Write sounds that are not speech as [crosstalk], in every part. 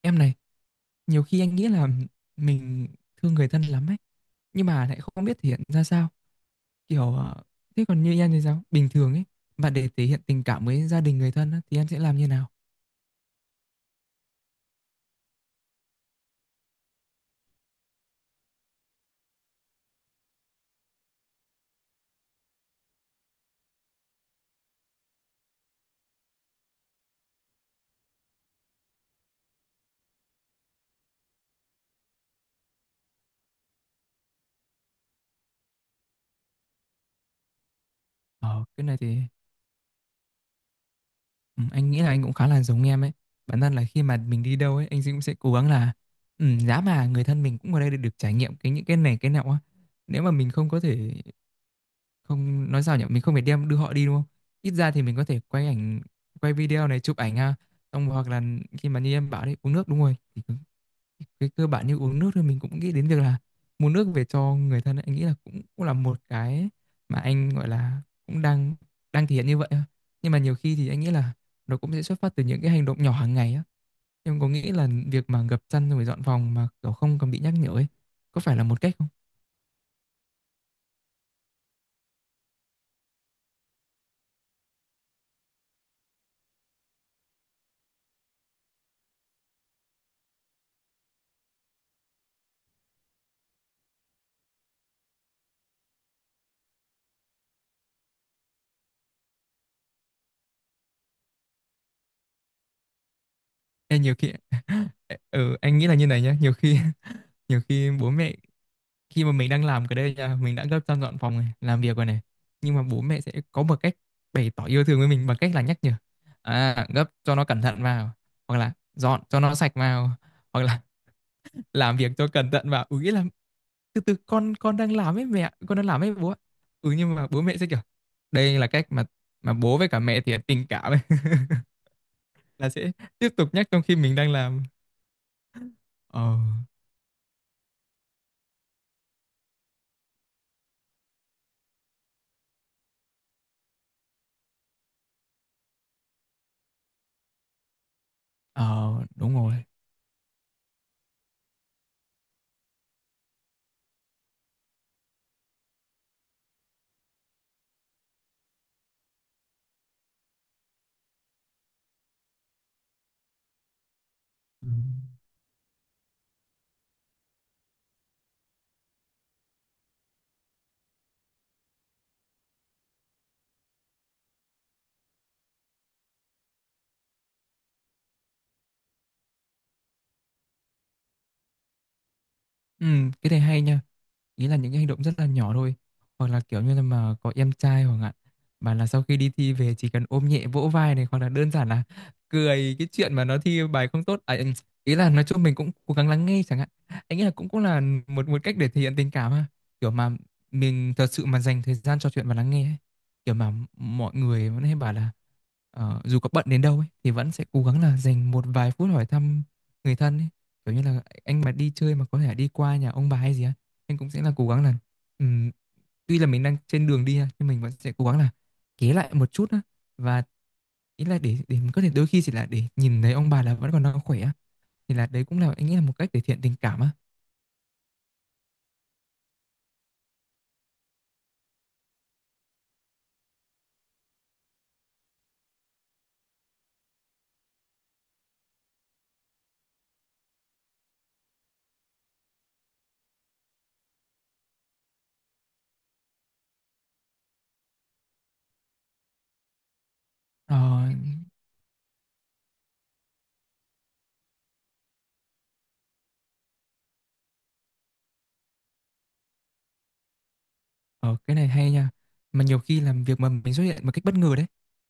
Em này, nhiều khi anh nghĩ là mình thương người thân lắm ấy, nhưng mà lại không biết thể hiện ra sao. Kiểu thế còn như em thì sao? Bình thường ấy, mà để thể hiện tình cảm với gia đình người thân á, thì em sẽ làm như nào? Ờ, cái này thì ừ, anh nghĩ là anh cũng khá là giống em ấy. Bản thân là khi mà mình đi đâu ấy, anh cũng sẽ cố gắng là giá mà người thân mình cũng ở đây để được trải nghiệm cái những cái này cái nọ á. Nếu mà mình không có thể không nói sao nhỉ, mình không phải đem đưa họ đi đúng không, ít ra thì mình có thể quay ảnh, quay video này, chụp ảnh ha, xong hoặc là khi mà như em bảo đấy uống nước đúng rồi thì cái cơ bản như uống nước thì mình cũng nghĩ đến việc là mua nước về cho người thân ấy. Anh nghĩ là cũng cũng là một cái mà anh gọi là cũng đang đang thể hiện như vậy á. Nhưng mà nhiều khi thì anh nghĩ là nó cũng sẽ xuất phát từ những cái hành động nhỏ hàng ngày á. Em có nghĩ là việc mà gập chăn rồi dọn phòng mà kiểu không cần bị nhắc nhở ấy có phải là một cách không? Em nhiều khi [laughs] ừ, anh nghĩ là như này nhá, nhiều khi bố mẹ khi mà mình đang làm cái đây nha, mình đã gấp sang dọn phòng này, làm việc rồi này, nhưng mà bố mẹ sẽ có một cách bày tỏ yêu thương với mình bằng cách là nhắc nhở à, gấp cho nó cẩn thận vào, hoặc là dọn cho nó sạch vào, hoặc là [laughs] làm việc cho cẩn thận vào, nghĩa là từ từ con đang làm ấy mẹ, con đang làm ấy bố ạ. Nhưng mà bố mẹ sẽ kiểu đây là cách mà bố với cả mẹ thì tình cảm ấy [laughs] là sẽ tiếp tục nhắc trong khi mình đang làm. ờ ờ Đúng rồi. ừ, Ừ, cái này hay nha. Ý là những cái hành động rất là nhỏ thôi, hoặc là kiểu như là mà có em trai, hoặc là bảo là sau khi đi thi về chỉ cần ôm nhẹ vỗ vai này, hoặc là đơn giản là cười cái chuyện mà nó thi bài không tốt à, ý là nói chung mình cũng cố gắng lắng nghe chẳng hạn. Anh nghĩ là cũng cũng là một một cách để thể hiện tình cảm ha, kiểu mà mình thật sự mà dành thời gian trò chuyện và lắng nghe ấy. Kiểu mà mọi người vẫn hay bảo là dù có bận đến đâu ấy, thì vẫn sẽ cố gắng là dành một vài phút hỏi thăm người thân ấy. Kiểu như là anh mà đi chơi mà có thể đi qua nhà ông bà hay gì á, anh cũng sẽ là cố gắng là ừm, tuy là mình đang trên đường đi ha, nhưng mình vẫn sẽ cố gắng là ghé lại một chút á, và ý là để có thể đôi khi chỉ là để nhìn thấy ông bà là vẫn còn đang khỏe á, thì là đấy cũng là anh nghĩ là một cách thể hiện tình cảm á. Ờ, Ờ, cái này hay nha. Mà nhiều khi làm việc mà mình xuất hiện một cách bất ngờ đấy,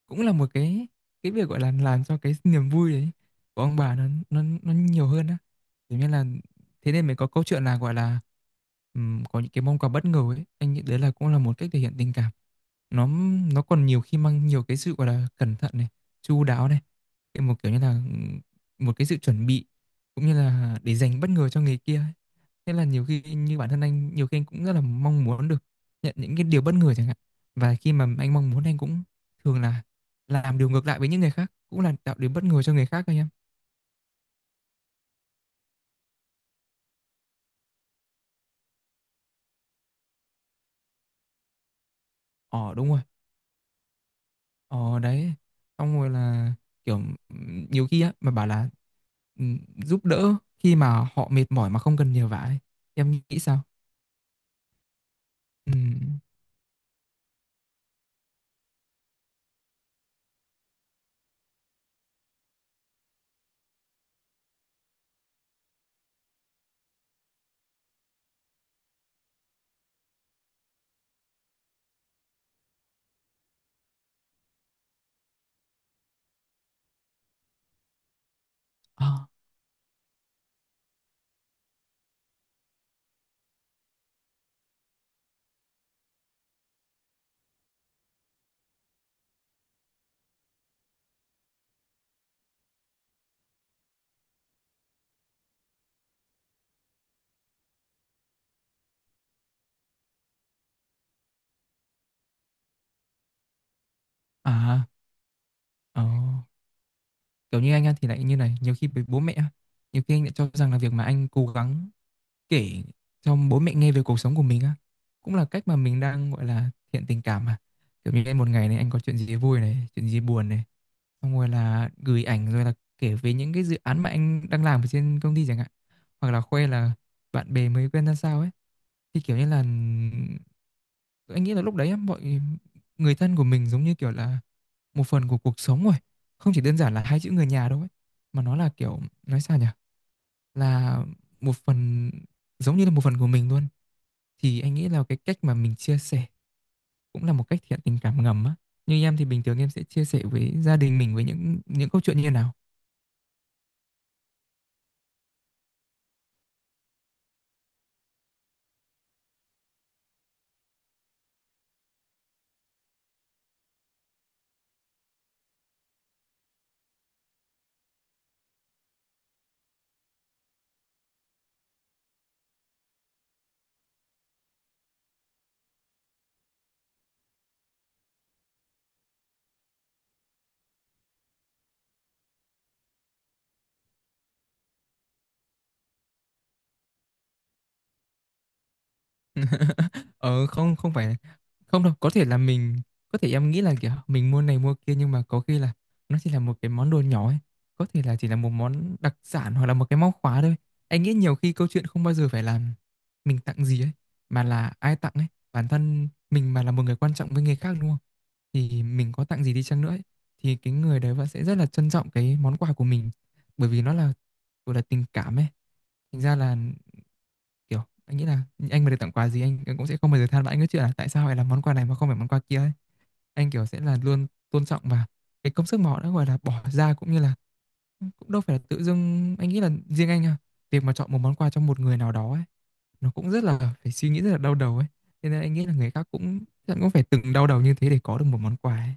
cũng là một cái việc gọi là làm cho cái niềm vui đấy của ông bà nó nhiều hơn á. Thế nên là Thế nên mới có câu chuyện là gọi là có những cái món quà bất ngờ ấy, anh nghĩ đấy là cũng là một cách thể hiện tình cảm. Nó nó còn nhiều khi mang nhiều cái sự gọi là cẩn thận này, chu đáo này, cái một kiểu như là một cái sự chuẩn bị cũng như là để dành bất ngờ cho người kia ấy. Thế là nhiều khi như bản thân anh, nhiều khi anh cũng rất là mong muốn được nhận những cái điều bất ngờ chẳng hạn, và khi mà anh mong muốn, anh cũng thường là làm điều ngược lại với những người khác, cũng là tạo điều bất ngờ cho người khác thôi em. Ờ, đúng rồi. Ờ Đấy, xong rồi là kiểu nhiều khi á mà bảo là ừm, giúp đỡ khi mà họ mệt mỏi mà không cần nhờ vả ấy. Em nghĩ sao? Ừ. Ờ. À. Ờ. Kiểu như anh á thì lại như này, nhiều khi với bố mẹ á, nhiều khi anh lại cho rằng là việc mà anh cố gắng kể cho bố mẹ nghe về cuộc sống của mình á cũng là cách mà mình đang gọi là thiện tình cảm mà, kiểu như em một ngày này anh có chuyện gì vui này, chuyện gì buồn này, xong rồi là gửi ảnh, rồi là kể về những cái dự án mà anh đang làm ở trên công ty chẳng hạn, hoặc là khoe là bạn bè mới quen ra sao ấy. Thì kiểu như là anh nghĩ là lúc đấy á, mọi người thân của mình giống như kiểu là một phần của cuộc sống rồi, không chỉ đơn giản là hai chữ người nhà đâu ấy, mà nó là kiểu nói sao nhỉ, là một phần, giống như là một phần của mình luôn. Thì anh nghĩ là cái cách mà mình chia sẻ cũng là một cách thiện tình cảm ngầm á. Như em thì bình thường em sẽ chia sẻ với gia đình mình với những câu chuyện như thế nào? Ờ, không không phải, không đâu, có thể là mình có thể, em nghĩ là kiểu mình mua này mua kia nhưng mà có khi là nó chỉ là một cái món đồ nhỏ ấy, có thể là chỉ là một món đặc sản hoặc là một cái móc khóa thôi. Anh nghĩ nhiều khi câu chuyện không bao giờ phải là mình tặng gì ấy, mà là ai tặng ấy, bản thân mình mà là một người quan trọng với người khác đúng không, thì mình có tặng gì đi chăng nữa ấy, thì cái người đấy vẫn sẽ rất là trân trọng cái món quà của mình, bởi vì nó là gọi là tình cảm ấy, thành ra là kiểu anh nghĩ là anh mà được tặng quà gì, anh cũng sẽ không bao giờ than vãn cái chuyện là tại sao lại là món quà này mà không phải món quà kia ấy. Anh kiểu sẽ là luôn tôn trọng và cái công sức mà họ đã gọi là bỏ ra, cũng như là cũng đâu phải là tự dưng, anh nghĩ là riêng anh à, việc mà chọn một món quà cho một người nào đó ấy, nó cũng rất là phải suy nghĩ, rất là đau đầu ấy, thế nên anh nghĩ là người khác cũng chắc cũng phải từng đau đầu như thế để có được một món quà ấy.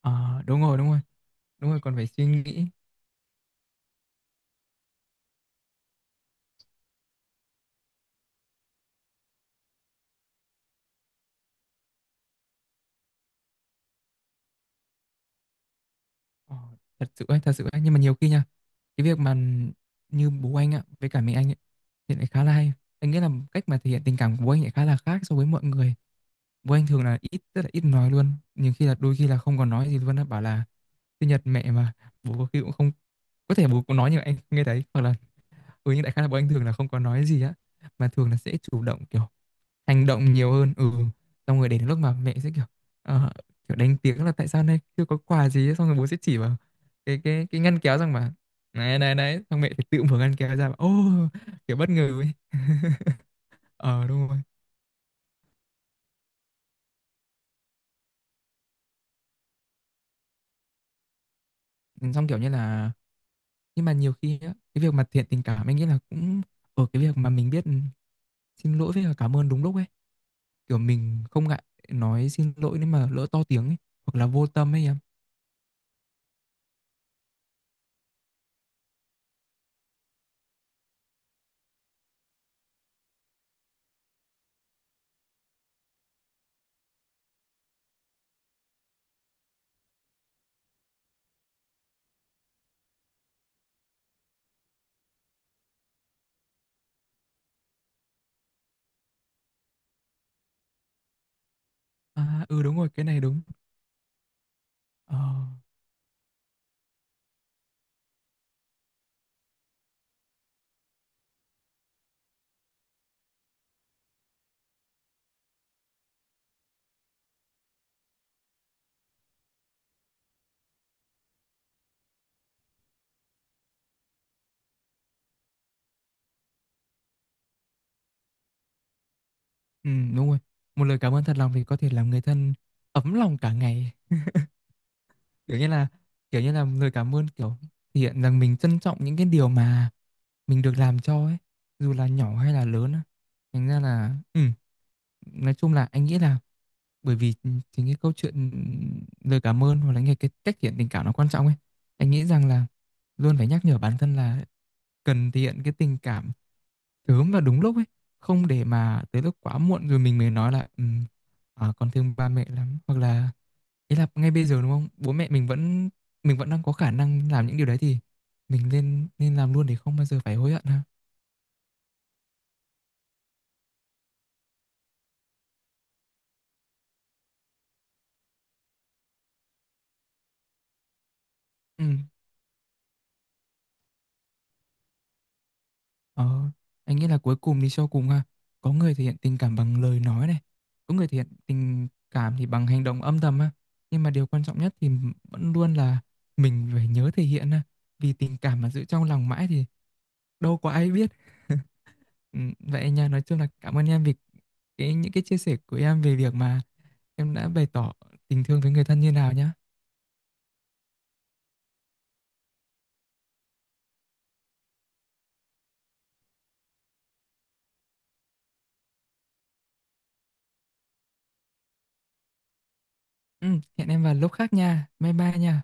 Ờ, đúng rồi, đúng rồi, đúng rồi, còn phải suy nghĩ. Ờ, thật sự ấy, thật sự ấy. Nhưng mà nhiều khi nha, cái việc mà như bố anh ạ, với cả mẹ anh ấy, thì lại khá là hay. Anh nghĩ là cách mà thể hiện tình cảm của bố anh lại khá là khác so với mọi người. Bố anh thường là ít, rất là ít nói luôn. Nhiều khi là đôi khi là không còn nói gì luôn á, bảo là sinh nhật mẹ mà bố có khi cũng không, có thể bố cũng nói nhưng mà anh không nghe thấy, hoặc là nhưng đại khái là bố anh thường là không có nói gì á, mà thường là sẽ chủ động kiểu hành động nhiều hơn. Ừ Xong rồi đến lúc mà mẹ sẽ kiểu ờ, kiểu đánh tiếng là tại sao nay chưa có quà gì ấy. Xong rồi bố sẽ chỉ vào cái ngăn kéo rằng mà này này đấy, xong mẹ thì tự mở ngăn kéo ra và, ô, kiểu bất ngờ ấy [laughs] ờ Đúng rồi. Ừ, xong kiểu như là nhưng mà nhiều khi á, cái việc mà thiện tình cảm anh nghĩ là cũng ở cái việc mà mình biết xin lỗi với cả cảm ơn đúng lúc ấy, kiểu mình không ngại nói xin lỗi nếu mà lỡ to tiếng ấy, hoặc là vô tâm ấy em. À. Ừ, đúng rồi, cái này đúng. Ờ. Ừ, đúng rồi. Một lời cảm ơn thật lòng thì có thể làm người thân ấm lòng cả ngày. Kiểu như là kiểu như là lời cảm ơn kiểu thể hiện rằng mình trân trọng những cái điều mà mình được làm cho ấy, dù là nhỏ hay là lớn á. Thành ra là nói chung là anh nghĩ là bởi vì chính cái câu chuyện lời cảm ơn, hoặc là nghe cái cách thể hiện tình cảm nó quan trọng ấy. Anh nghĩ rằng là luôn phải nhắc nhở bản thân là cần thể hiện cái tình cảm sớm và đúng lúc ấy, không để mà tới lúc quá muộn rồi mình mới nói là con thương ba mẹ lắm, hoặc là ý là ngay bây giờ đúng không, bố mẹ mình vẫn đang có khả năng làm những điều đấy thì mình nên nên làm luôn để không bao giờ phải hối hận ha. Ừ. ờ, anh nghĩ là cuối cùng đi cho cùng ha, có người thể hiện tình cảm bằng lời nói này, có người thể hiện tình cảm thì bằng hành động âm thầm ha, nhưng mà điều quan trọng nhất thì vẫn luôn là mình phải nhớ thể hiện ha, vì tình cảm mà giữ trong lòng mãi thì đâu có ai biết. Ừ, vậy nha, nói chung là cảm ơn em vì những cái chia sẻ của em về việc mà em đã bày tỏ tình thương với người thân như nào nhá. Ừ, hẹn em vào lúc khác nha. Bye bye nha.